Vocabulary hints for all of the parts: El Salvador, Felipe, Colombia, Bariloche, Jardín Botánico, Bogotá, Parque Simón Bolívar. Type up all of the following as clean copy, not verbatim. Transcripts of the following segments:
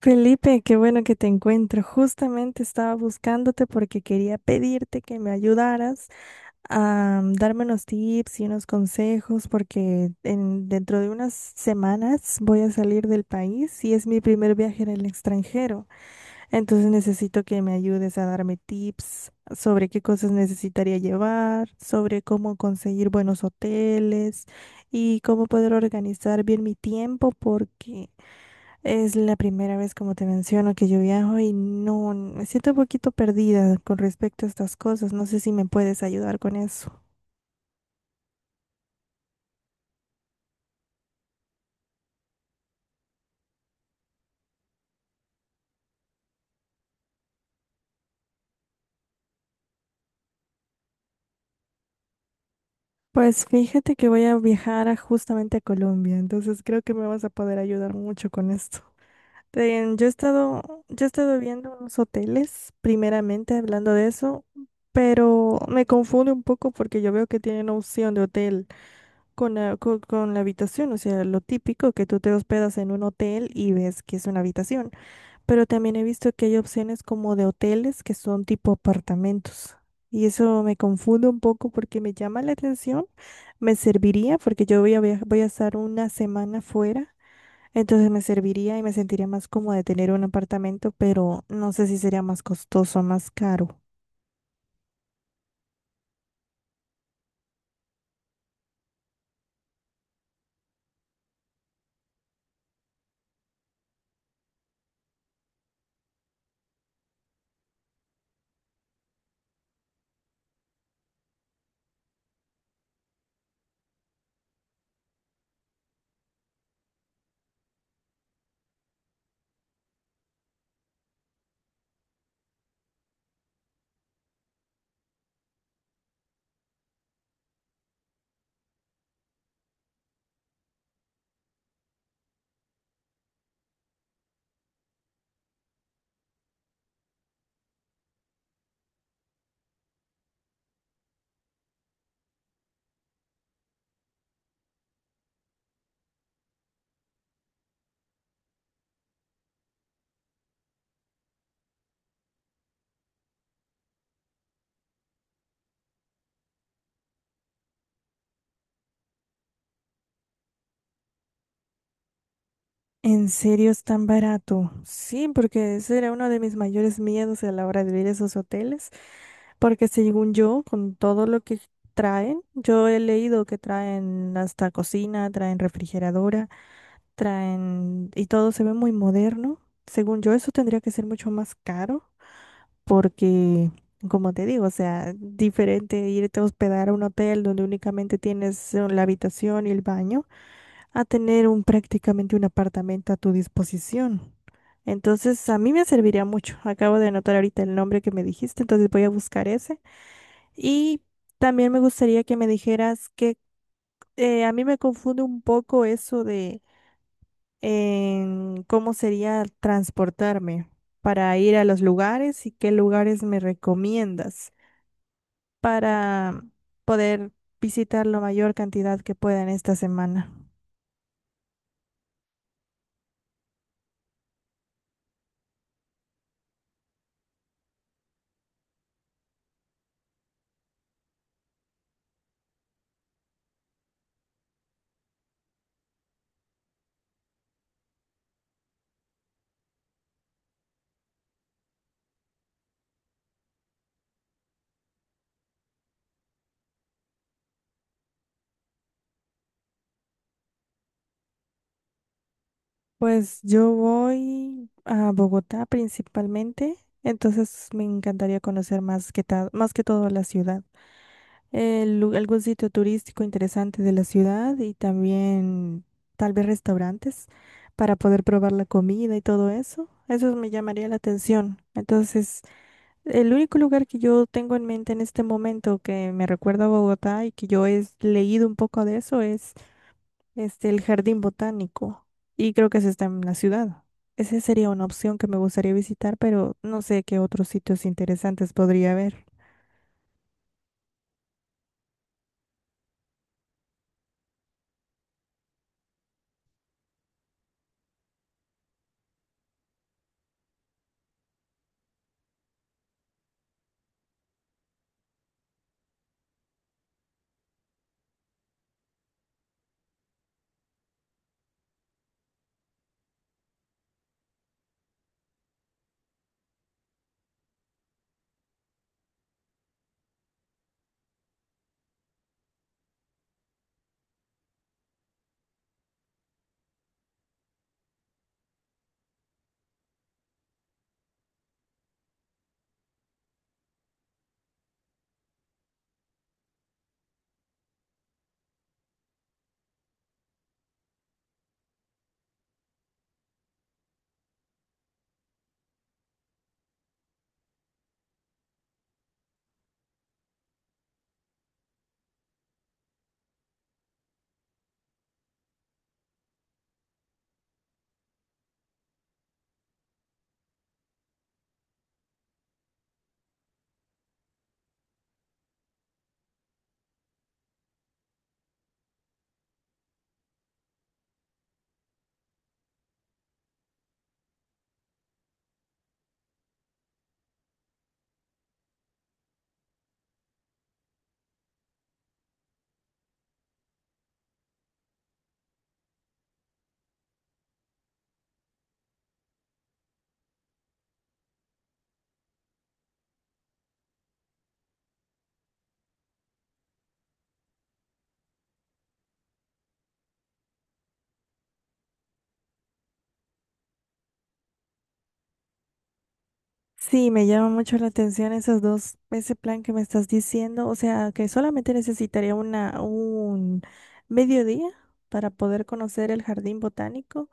Felipe, qué bueno que te encuentro. Justamente estaba buscándote porque quería pedirte que me ayudaras a darme unos tips y unos consejos porque dentro de unas semanas voy a salir del país y es mi primer viaje en el extranjero. Entonces necesito que me ayudes a darme tips sobre qué cosas necesitaría llevar, sobre cómo conseguir buenos hoteles y cómo poder organizar bien mi tiempo porque... Es la primera vez, como te menciono, que yo viajo y no, me siento un poquito perdida con respecto a estas cosas. No sé si me puedes ayudar con eso. Pues fíjate que voy a viajar justamente a Colombia, entonces creo que me vas a poder ayudar mucho con esto. Yo he estado viendo unos hoteles, primeramente hablando de eso, pero me confunde un poco porque yo veo que tienen opción de hotel con con la habitación, o sea, lo típico que tú te hospedas en un hotel y ves que es una habitación. Pero también he visto que hay opciones como de hoteles que son tipo apartamentos. Y eso me confunde un poco porque me llama la atención. Me serviría porque yo voy a voy a estar una semana fuera. Entonces me serviría y me sentiría más cómoda de tener un apartamento, pero no sé si sería más costoso, más caro. ¿En serio es tan barato? Sí, porque ese era uno de mis mayores miedos a la hora de ir a esos hoteles, porque según yo, con todo lo que traen, yo he leído que traen hasta cocina, traen refrigeradora, traen y todo se ve muy moderno. Según yo, eso tendría que ser mucho más caro, porque, como te digo, o sea, diferente irte a hospedar a un hotel donde únicamente tienes la habitación y el baño a tener un prácticamente un apartamento a tu disposición. Entonces, a mí me serviría mucho. Acabo de anotar ahorita el nombre que me dijiste, entonces voy a buscar ese. Y también me gustaría que me dijeras que a mí me confunde un poco eso de en cómo sería transportarme para ir a los lugares y qué lugares me recomiendas para poder visitar la mayor cantidad que pueda en esta semana. Pues yo voy a Bogotá principalmente, entonces me encantaría conocer más que más que todo la ciudad. Algún sitio turístico interesante de la ciudad y también tal vez restaurantes para poder probar la comida y todo eso. Eso me llamaría la atención. Entonces, el único lugar que yo tengo en mente en este momento que me recuerda a Bogotá y que yo he leído un poco de eso este, el jardín botánico, y creo que ese está en la ciudad. Esa sería una opción que me gustaría visitar, pero no sé qué otros sitios interesantes podría haber. Sí, me llama mucho la atención esos dos, ese plan que me estás diciendo, o sea, que solamente necesitaría un mediodía para poder conocer el jardín botánico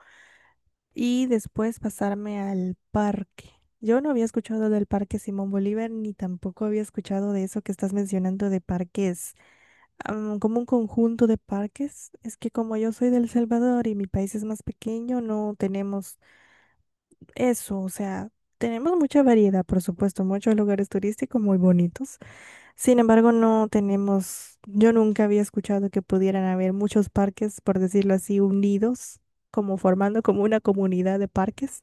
y después pasarme al parque. Yo no había escuchado del Parque Simón Bolívar ni tampoco había escuchado de eso que estás mencionando de parques como un conjunto de parques. Es que como yo soy de El Salvador y mi país es más pequeño, no tenemos eso. O sea, tenemos mucha variedad, por supuesto, muchos lugares turísticos muy bonitos. Sin embargo, no tenemos, yo nunca había escuchado que pudieran haber muchos parques, por decirlo así, unidos, como formando como una comunidad de parques.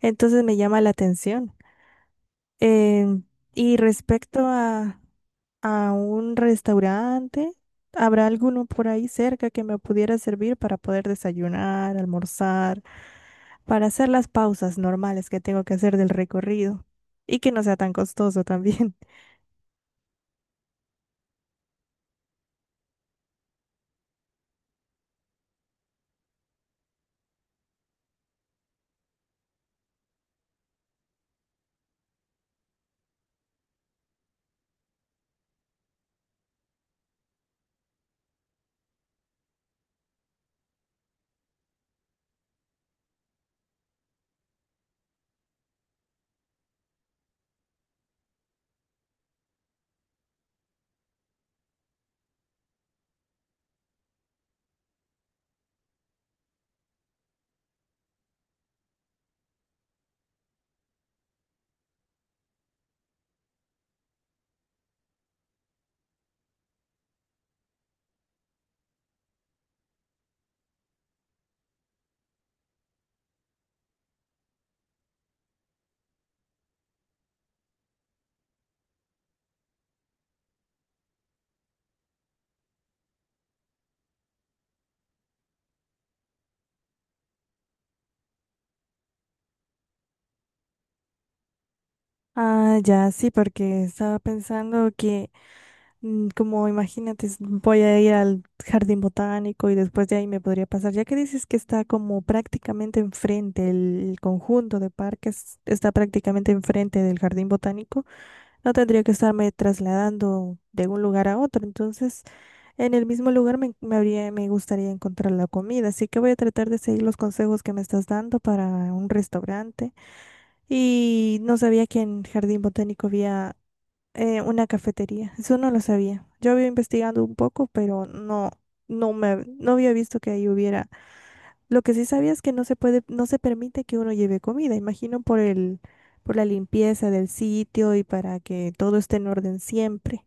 Entonces me llama la atención. Em, y respecto a un restaurante. ¿Habrá alguno por ahí cerca que me pudiera servir para poder desayunar, almorzar, para hacer las pausas normales que tengo que hacer del recorrido? Y que no sea tan costoso también. Ah, ya, sí, porque estaba pensando que, como imagínate, voy a ir al jardín botánico y después de ahí me podría pasar, ya que dices que está como prácticamente enfrente, el conjunto de parques está prácticamente enfrente del jardín botánico. No tendría que estarme trasladando de un lugar a otro. Entonces, en el mismo lugar me gustaría encontrar la comida. Así que voy a tratar de seguir los consejos que me estás dando para un restaurante. Y no sabía que en Jardín Botánico había una cafetería. Eso no lo sabía. Yo había investigado un poco, pero no había visto que ahí hubiera lo que sí sabía es que no se puede, no se permite que uno lleve comida, imagino por por la limpieza del sitio y para que todo esté en orden siempre.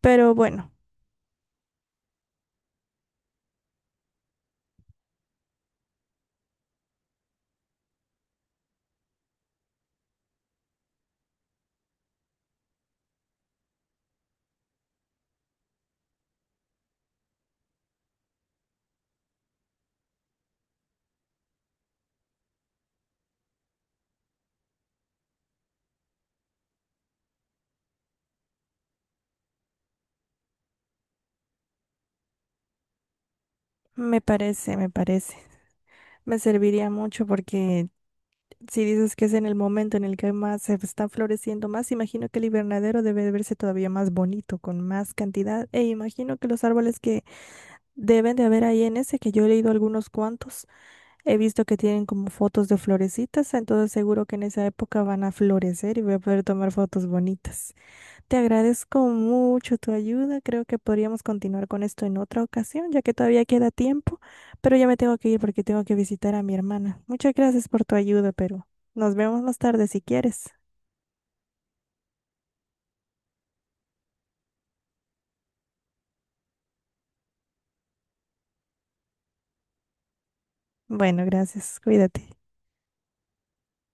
Pero bueno, me parece, me parece. Me serviría mucho porque si dices que es en el momento en el que más se están floreciendo más, imagino que el invernadero debe de verse todavía más bonito, con más cantidad. E imagino que los árboles que deben de haber ahí en ese, que yo he leído algunos cuantos, he visto que tienen como fotos de florecitas, entonces seguro que en esa época van a florecer y voy a poder tomar fotos bonitas. Te agradezco mucho tu ayuda. Creo que podríamos continuar con esto en otra ocasión, ya que todavía queda tiempo, pero ya me tengo que ir porque tengo que visitar a mi hermana. Muchas gracias por tu ayuda, pero nos vemos más tarde si quieres. Bueno, gracias. Cuídate.